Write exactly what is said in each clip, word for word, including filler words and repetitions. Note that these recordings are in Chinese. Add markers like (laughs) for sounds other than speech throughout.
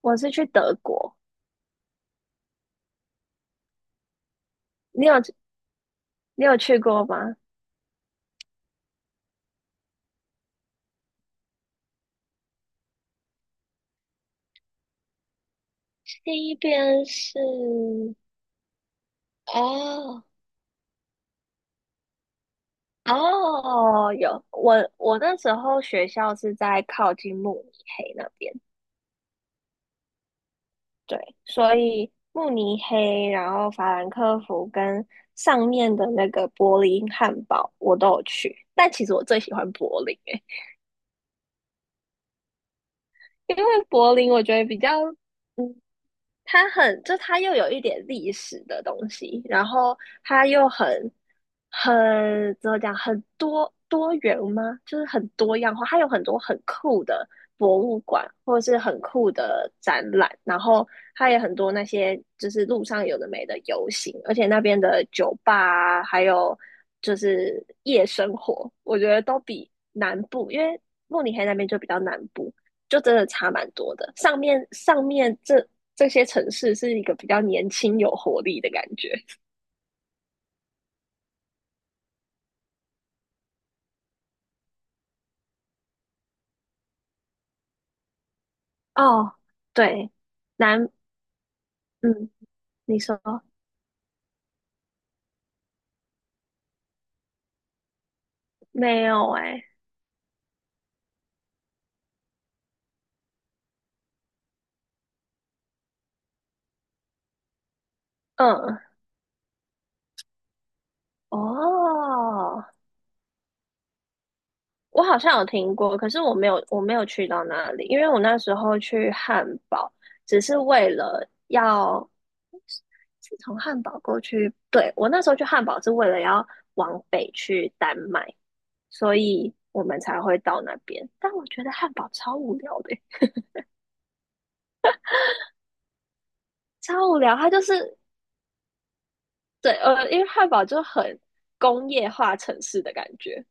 我是去德国，你有你有去过吗？西边是哦哦，有我我那时候学校是在靠近慕尼黑那边，对，所以慕尼黑，然后法兰克福跟上面的那个柏林汉堡我都有去，但其实我最喜欢柏林诶、因为柏林我觉得比较嗯它很，就它又有一点历史的东西，然后它又很很怎么讲，很多多元吗？就是很多样化，它有很多很酷的博物馆，或者是很酷的展览，然后它也很多那些就是路上有的没的游行，而且那边的酒吧啊还有就是夜生活，我觉得都比南部，因为慕尼黑那边就比较南部。就真的差蛮多的。上面上面这这些城市是一个比较年轻、有活力的感觉。哦，对，南，嗯，你说没有哎、嗯，哦，我好像有听过，可是我没有，我没有去到那里，因为我那时候去汉堡，只是为了要，是从汉堡过去，对，我那时候去汉堡是为了要往北去丹麦，所以我们才会到那边。但我觉得汉堡超无聊的，超无聊。它就是对，呃，因为汉堡就很工业化城市的感觉。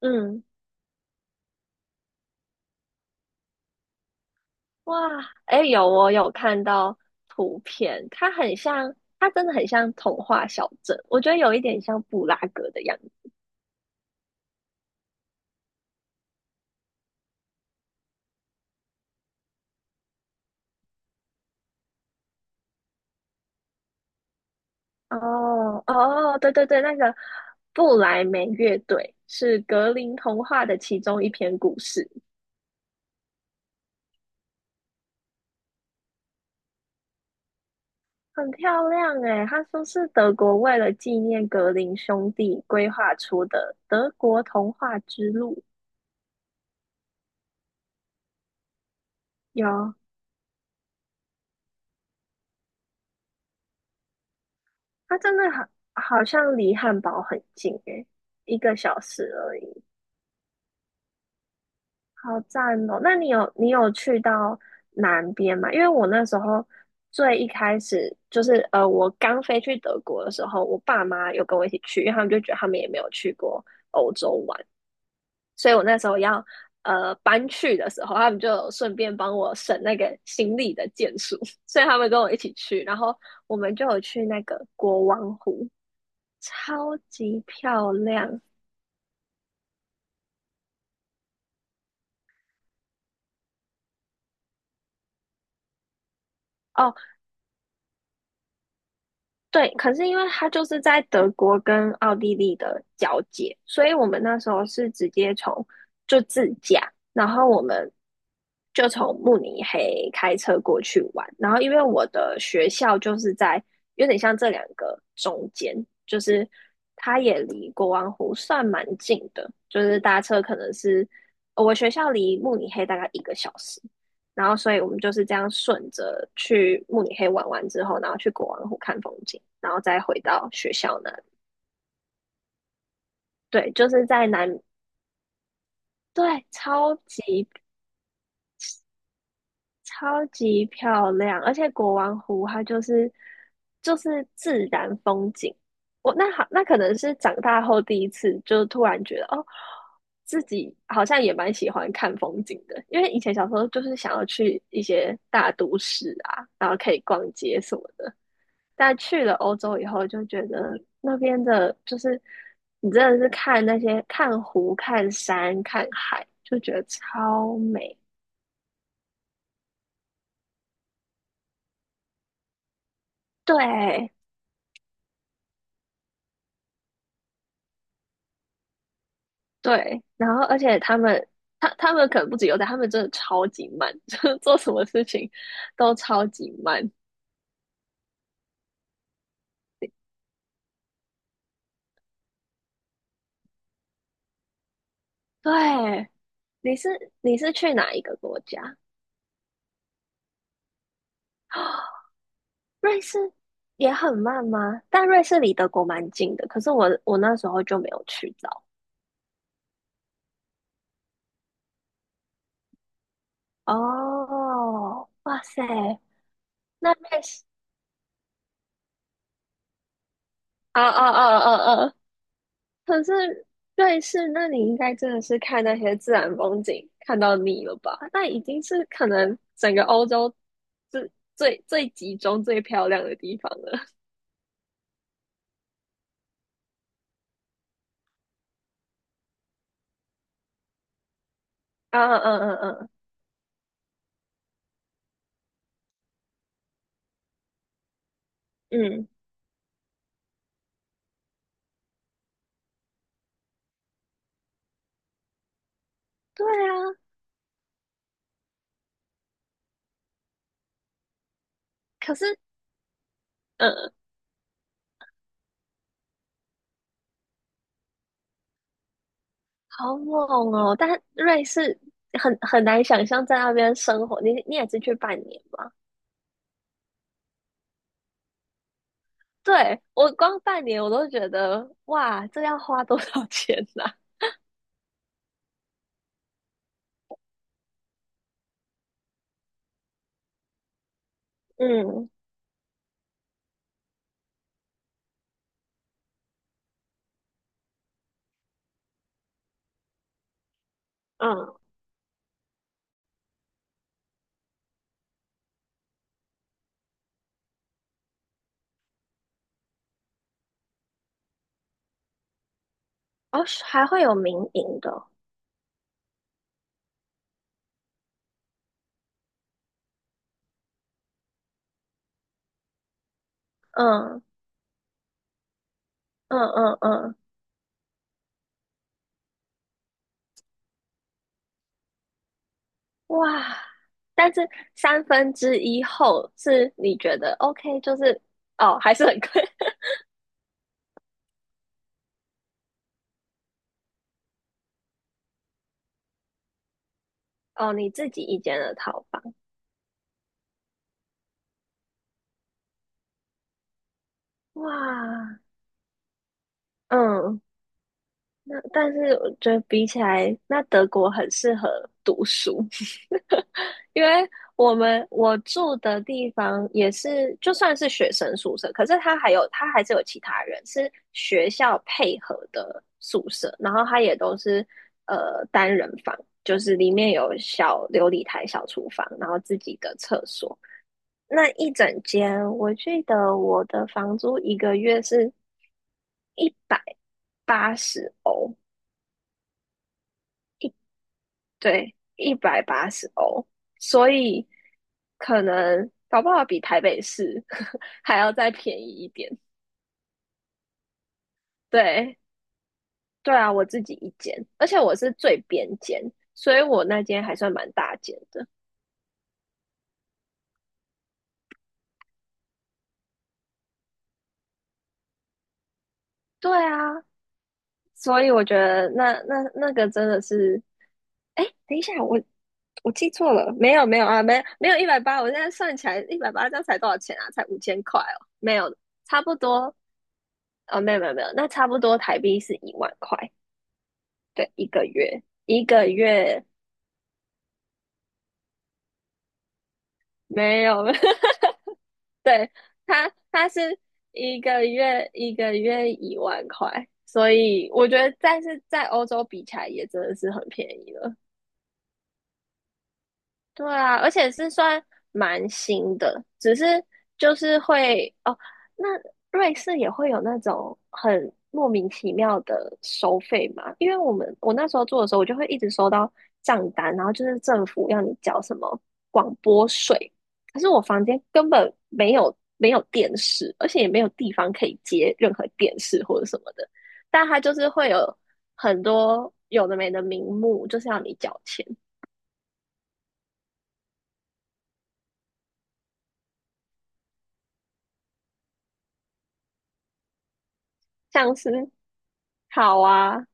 嗯，哇，哎，有我有看到图片，它很像，它真的很像童话小镇，我觉得有一点像布拉格的样子。哦哦，对对对，那个布莱梅乐队是格林童话的其中一篇故事，很漂亮诶。他说是德国为了纪念格林兄弟规划出的德国童话之路。有它真的好，好像离汉堡很近诶，一个小时而已，好赞哦！那你有你有去到南边吗？因为我那时候最一开始就是呃，我刚飞去德国的时候，我爸妈有跟我一起去，因为他们就觉得他们也没有去过欧洲玩，所以我那时候要呃搬去的时候，他们就有顺便帮我省那个行李的件数，(laughs) 所以他们跟我一起去，然后我们就有去那个国王湖。超级漂亮哦，对，可是因为它就是在德国跟奥地利的交界，所以我们那时候是直接从就自驾，然后我们就从慕尼黑开车过去玩，然后因为我的学校就是在有点像这两个中间，就是它也离国王湖算蛮近的，就是搭车可能是呃我学校离慕尼黑大概一个小时，然后所以我们就是这样顺着去慕尼黑玩完之后，然后去国王湖看风景，然后再回到学校那里。对，就是在南，对，超级超级漂亮，而且国王湖它就是就是自然风景。我那好，那可能是长大后第一次，就突然觉得哦，自己好像也蛮喜欢看风景的，因为以前小时候就是想要去一些大都市啊，然后可以逛街什么的。但去了欧洲以后，就觉得那边的，就是你真的是看那些看湖、看山、看海，就觉得超美。对对，然后而且他们，他他们可能不止有点，他们真的超级慢，(laughs) 就是做什么事情都超级慢。对，你是你是去哪一个国家？(gasps) 瑞士也很慢吗？但瑞士离德国蛮近的，可是我我那时候就没有去到。哦，哇塞，那瑞士，啊啊啊啊啊！可是瑞士，那你应该真的是看那些自然风景看到腻了吧？那已经是可能整个欧洲最最最集中、最漂亮的地方了。(laughs) 啊嗯嗯嗯嗯，嗯对啊。可是，嗯，好猛哦！但瑞士很很难想象在那边生活，你你也是去半年吗？对，我光半年我都觉得哇，这要花多少 (laughs) 钱呐、嗯嗯，哦，是还会有民营的哦嗯嗯嗯嗯，哇！但是三分之一后是你觉得 OK，就是哦，还是很贵 (laughs) 哦，你自己一间的套房，哇！嗯，那但是我觉得比起来，那德国很适合读书，(laughs) 因为我们我住的地方也是，就算是学生宿舍，可是他还有他还是有其他人是学校配合的宿舍，然后他也都是呃单人房，就是里面有小琉璃台、小厨房，然后自己的厕所。那一整间，我记得我的房租一个月是一百八十欧。对，一百八十欧，所以可能搞不好比台北市 (laughs) 还要再便宜一点。对，对啊，我自己一间，而且我是最边间，所以我那间还算蛮大间的。对啊，所以我觉得那那那个真的是，哎，等一下，我我记错了，没有没有啊，没没有一百八，我现在算起来一百八，这样才多少钱啊？才五千块哦，没有，差不多，啊，没有没有没有，那差不多台币是一万块。对，一个月，一个月没有哈，(laughs) 对，他他是一个月一个月一万块，所以我觉得，但是在欧洲比起来也真的是很便宜了。对啊，而且是算蛮新的，只是就是会哦，那瑞士也会有那种很莫名其妙的收费嘛？因为我们我那时候做的时候，我就会一直收到账单，然后就是政府要你缴什么广播税，可是我房间根本没有没有电视，而且也没有地方可以接任何电视或者什么的，但它就是会有很多有的没的名目，就是要你缴钱。像是好啊，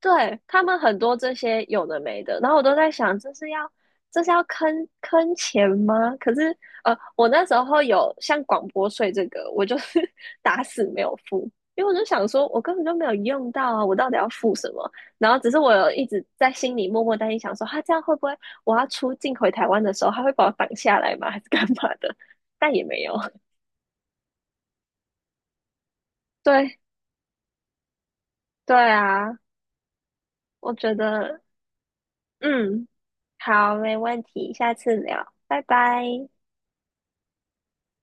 对，他们很多这些有的没的，然后我都在想，这是要这是要坑坑钱吗？可是呃，我那时候有像广播税这个，我就是 (laughs) 打死没有付，因为我就想说，我根本就没有用到啊，我到底要付什么？然后只是我有一直在心里默默担心，想说，他、这样会不会我要出境回台湾的时候，他会把我挡下来吗？还是干嘛的？(laughs) 但也没有。(laughs) 对对啊，我觉得，嗯。好，没问题，下次聊，拜拜。